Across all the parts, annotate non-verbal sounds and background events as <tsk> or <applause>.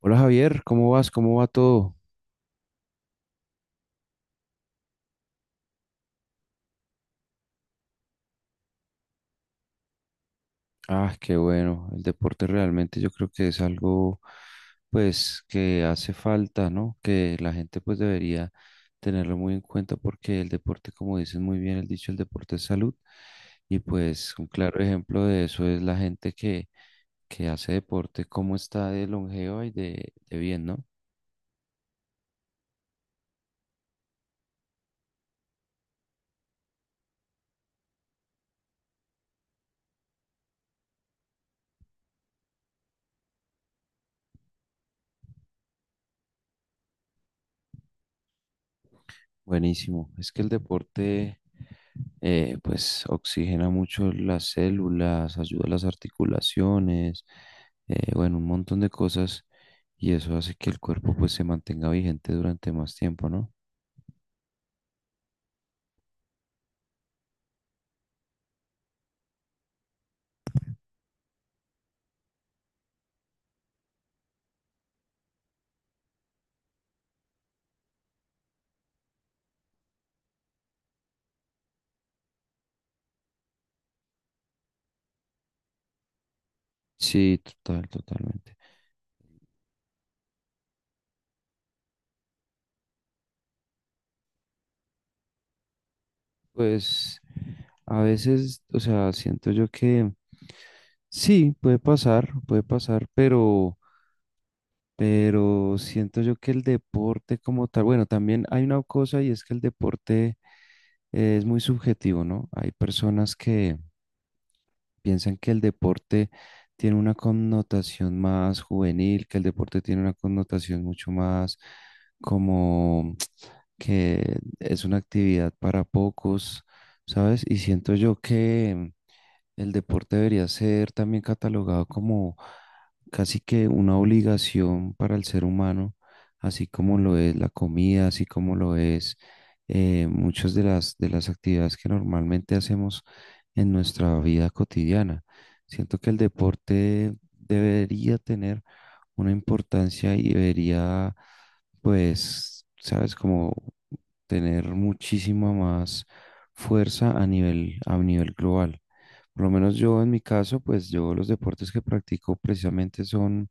Hola Javier, ¿cómo vas? ¿Cómo va todo? Ah, qué bueno. El deporte realmente yo creo que es algo, pues, que hace falta, ¿no? Que la gente, pues, debería tenerlo muy en cuenta porque el deporte, como dicen muy bien el dicho, el deporte es salud. Y pues un claro ejemplo de eso es la gente que hace deporte, cómo está de longeva y de bien, ¿no? Buenísimo. Es que el deporte, pues, oxigena mucho las células, ayuda a las articulaciones, bueno, un montón de cosas y eso hace que el cuerpo, pues, se mantenga vigente durante más tiempo, ¿no? Sí, total, totalmente. Pues, a veces, o sea, siento yo que sí, puede pasar, pero siento yo que el deporte como tal, bueno, también hay una cosa, y es que el deporte es muy subjetivo, ¿no? Hay personas que piensan que el deporte tiene una connotación más juvenil, que el deporte tiene una connotación mucho más como <tsk> que es una actividad para pocos, ¿sabes? Y siento yo que el deporte debería ser también catalogado como casi que una obligación para el ser humano, así como lo es la comida, así como lo es, muchas de de las actividades que normalmente hacemos en nuestra vida cotidiana. Siento que el deporte debería tener una importancia y debería, pues, sabes, como tener muchísima más fuerza a a nivel global. Por lo menos yo en mi caso, pues yo los deportes que practico precisamente son,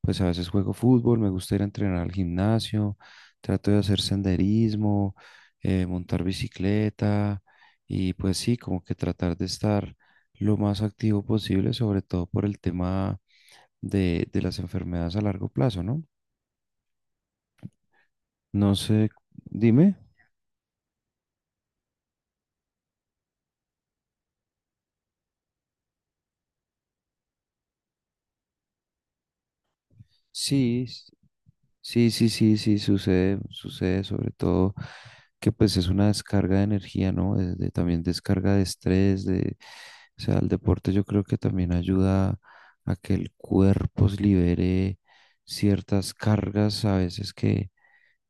pues a veces juego fútbol, me gusta ir a entrenar al gimnasio, trato de hacer senderismo, montar bicicleta y pues sí, como que tratar de estar lo más activo posible, sobre todo por el tema de las enfermedades a largo plazo, ¿no? No sé, dime. Sí, sí, sí, sí, sí, sucede, sucede sobre todo que pues es una descarga de energía, ¿no? También descarga de estrés, de, o sea, el deporte yo creo que también ayuda a que el cuerpo se libere ciertas cargas a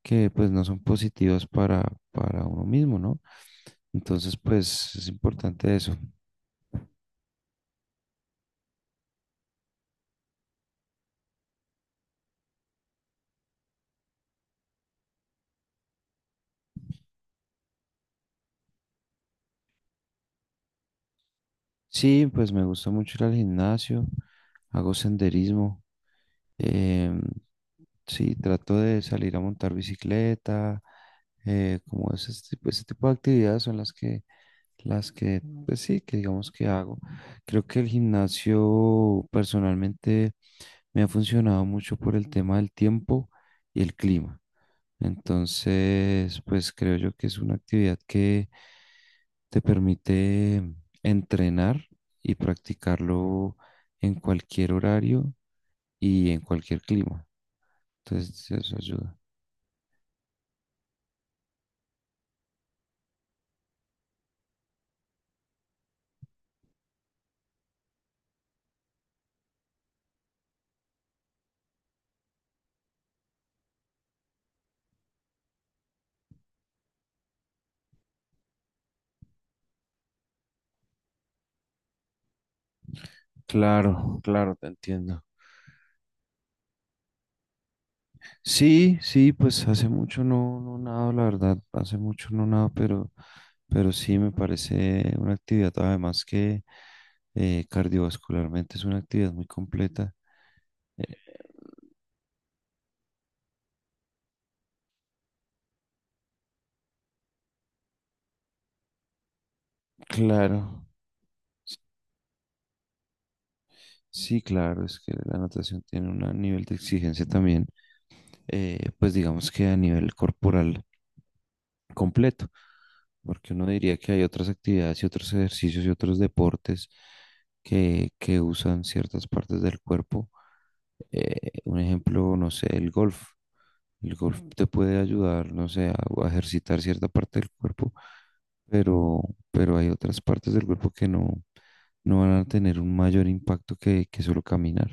que pues no son positivas para uno mismo, ¿no? Entonces pues es importante eso. Sí, pues me gusta mucho ir al gimnasio, hago senderismo. Em, sí, trato de salir a montar bicicleta, como ese tipo de actividades son las que, pues sí, que digamos que hago. Creo que el gimnasio personalmente me ha funcionado mucho por el tema del tiempo y el clima. Entonces, pues creo yo que es una actividad que te permite entrenar y practicarlo en cualquier horario y en cualquier clima. Entonces, eso ayuda. Claro, claro, te entiendo. Sí, sí, pues hace mucho no nado, la verdad, hace mucho no nado, pero sí me parece una actividad, además que cardiovascularmente es una actividad muy completa. Eh, claro, sí, claro, es que la natación tiene un nivel de exigencia también, pues digamos que a nivel corporal completo, porque uno diría que hay otras actividades y otros ejercicios y otros deportes que usan ciertas partes del cuerpo. Un ejemplo, no sé, el golf. El golf ujú te puede ayudar, no sé, a ejercitar cierta parte del cuerpo, pero, pero hay otras partes del cuerpo que no, no van a tener un mayor impacto que solo caminar.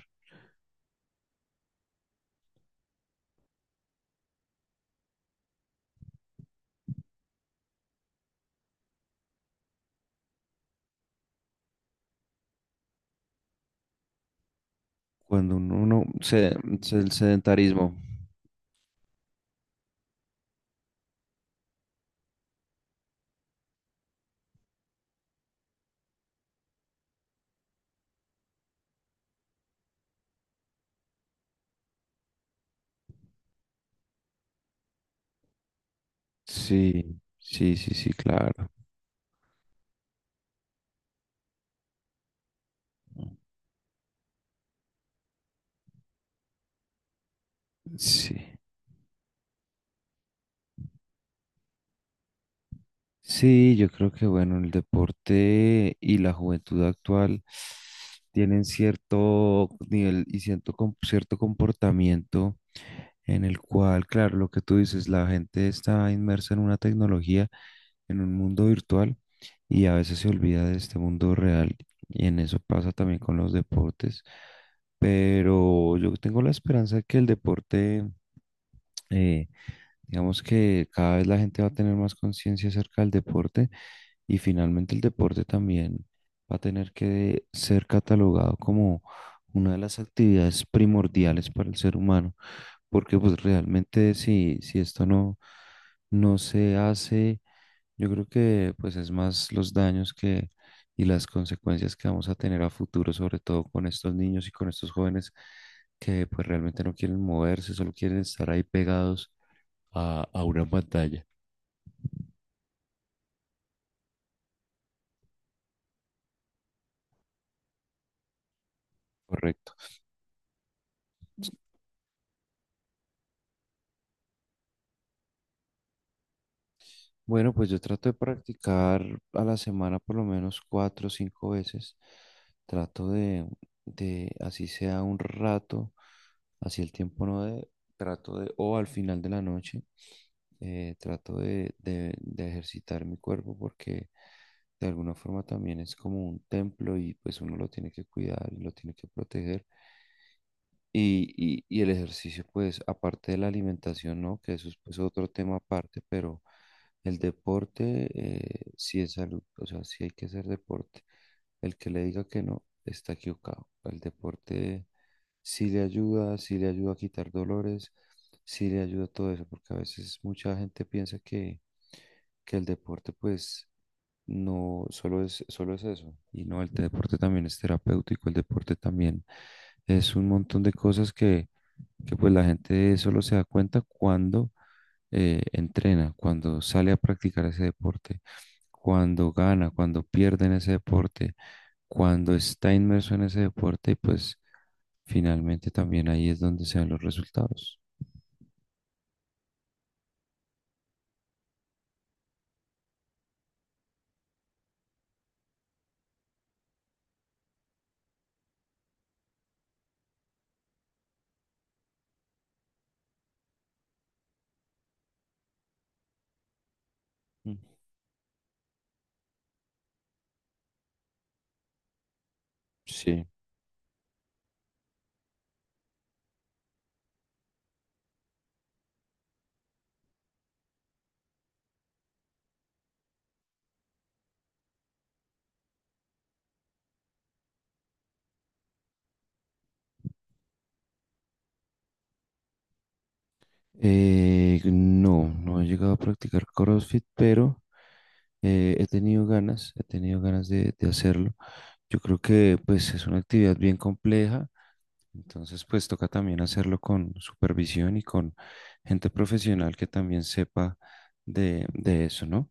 Cuando uno se, el sedentarismo. Sí, sí, sí, sí, claro. Sí. Sí, yo creo que bueno, el deporte y la juventud actual tienen cierto nivel y cierto, cierto comportamiento en el cual, claro, lo que tú dices, la gente está inmersa en una tecnología, en un mundo virtual y a veces se olvida de este mundo real y en eso pasa también con los deportes. Pero yo tengo la esperanza de que el deporte, eh, digamos que cada vez la gente va a tener más conciencia acerca del deporte y finalmente el deporte también va a tener que ser catalogado como una de las actividades primordiales para el ser humano, porque pues realmente si esto no se hace, yo creo que pues es más los daños que y las consecuencias que vamos a tener a futuro, sobre todo con estos niños y con estos jóvenes que pues realmente no quieren moverse, solo quieren estar ahí pegados a una pantalla. Correcto. Bueno, pues yo trato de practicar a la semana por lo menos cuatro o cinco veces. Trato de, así sea un rato, así el tiempo no de, trato de, o al final de la noche, trato de ejercitar mi cuerpo porque de alguna forma también es como un templo y pues uno lo tiene que cuidar y lo tiene que proteger. Y el ejercicio, pues, aparte de la alimentación, ¿no? Que eso es, pues, otro tema aparte, pero el deporte, sí es salud, o sea, sí hay que hacer deporte. El que le diga que no, está equivocado. El deporte sí le ayuda a quitar dolores, sí le ayuda a todo eso, porque a veces mucha gente piensa que el deporte, pues, no, solo es eso. Y no, el deporte también es terapéutico, el deporte también es un montón de cosas que pues la gente solo se da cuenta cuando entrena, cuando sale a practicar ese deporte, cuando gana, cuando pierde en ese deporte, cuando está inmerso en ese deporte y pues finalmente también ahí es donde se ven los resultados. Mm. Sí. No, no he llegado a practicar CrossFit, pero he tenido ganas de hacerlo. Yo creo que pues es una actividad bien compleja, entonces pues toca también hacerlo con supervisión y con gente profesional que también sepa de eso, ¿no?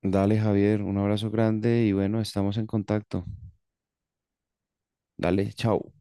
Dale, Javier, un abrazo grande y bueno, estamos en contacto. Dale, chao.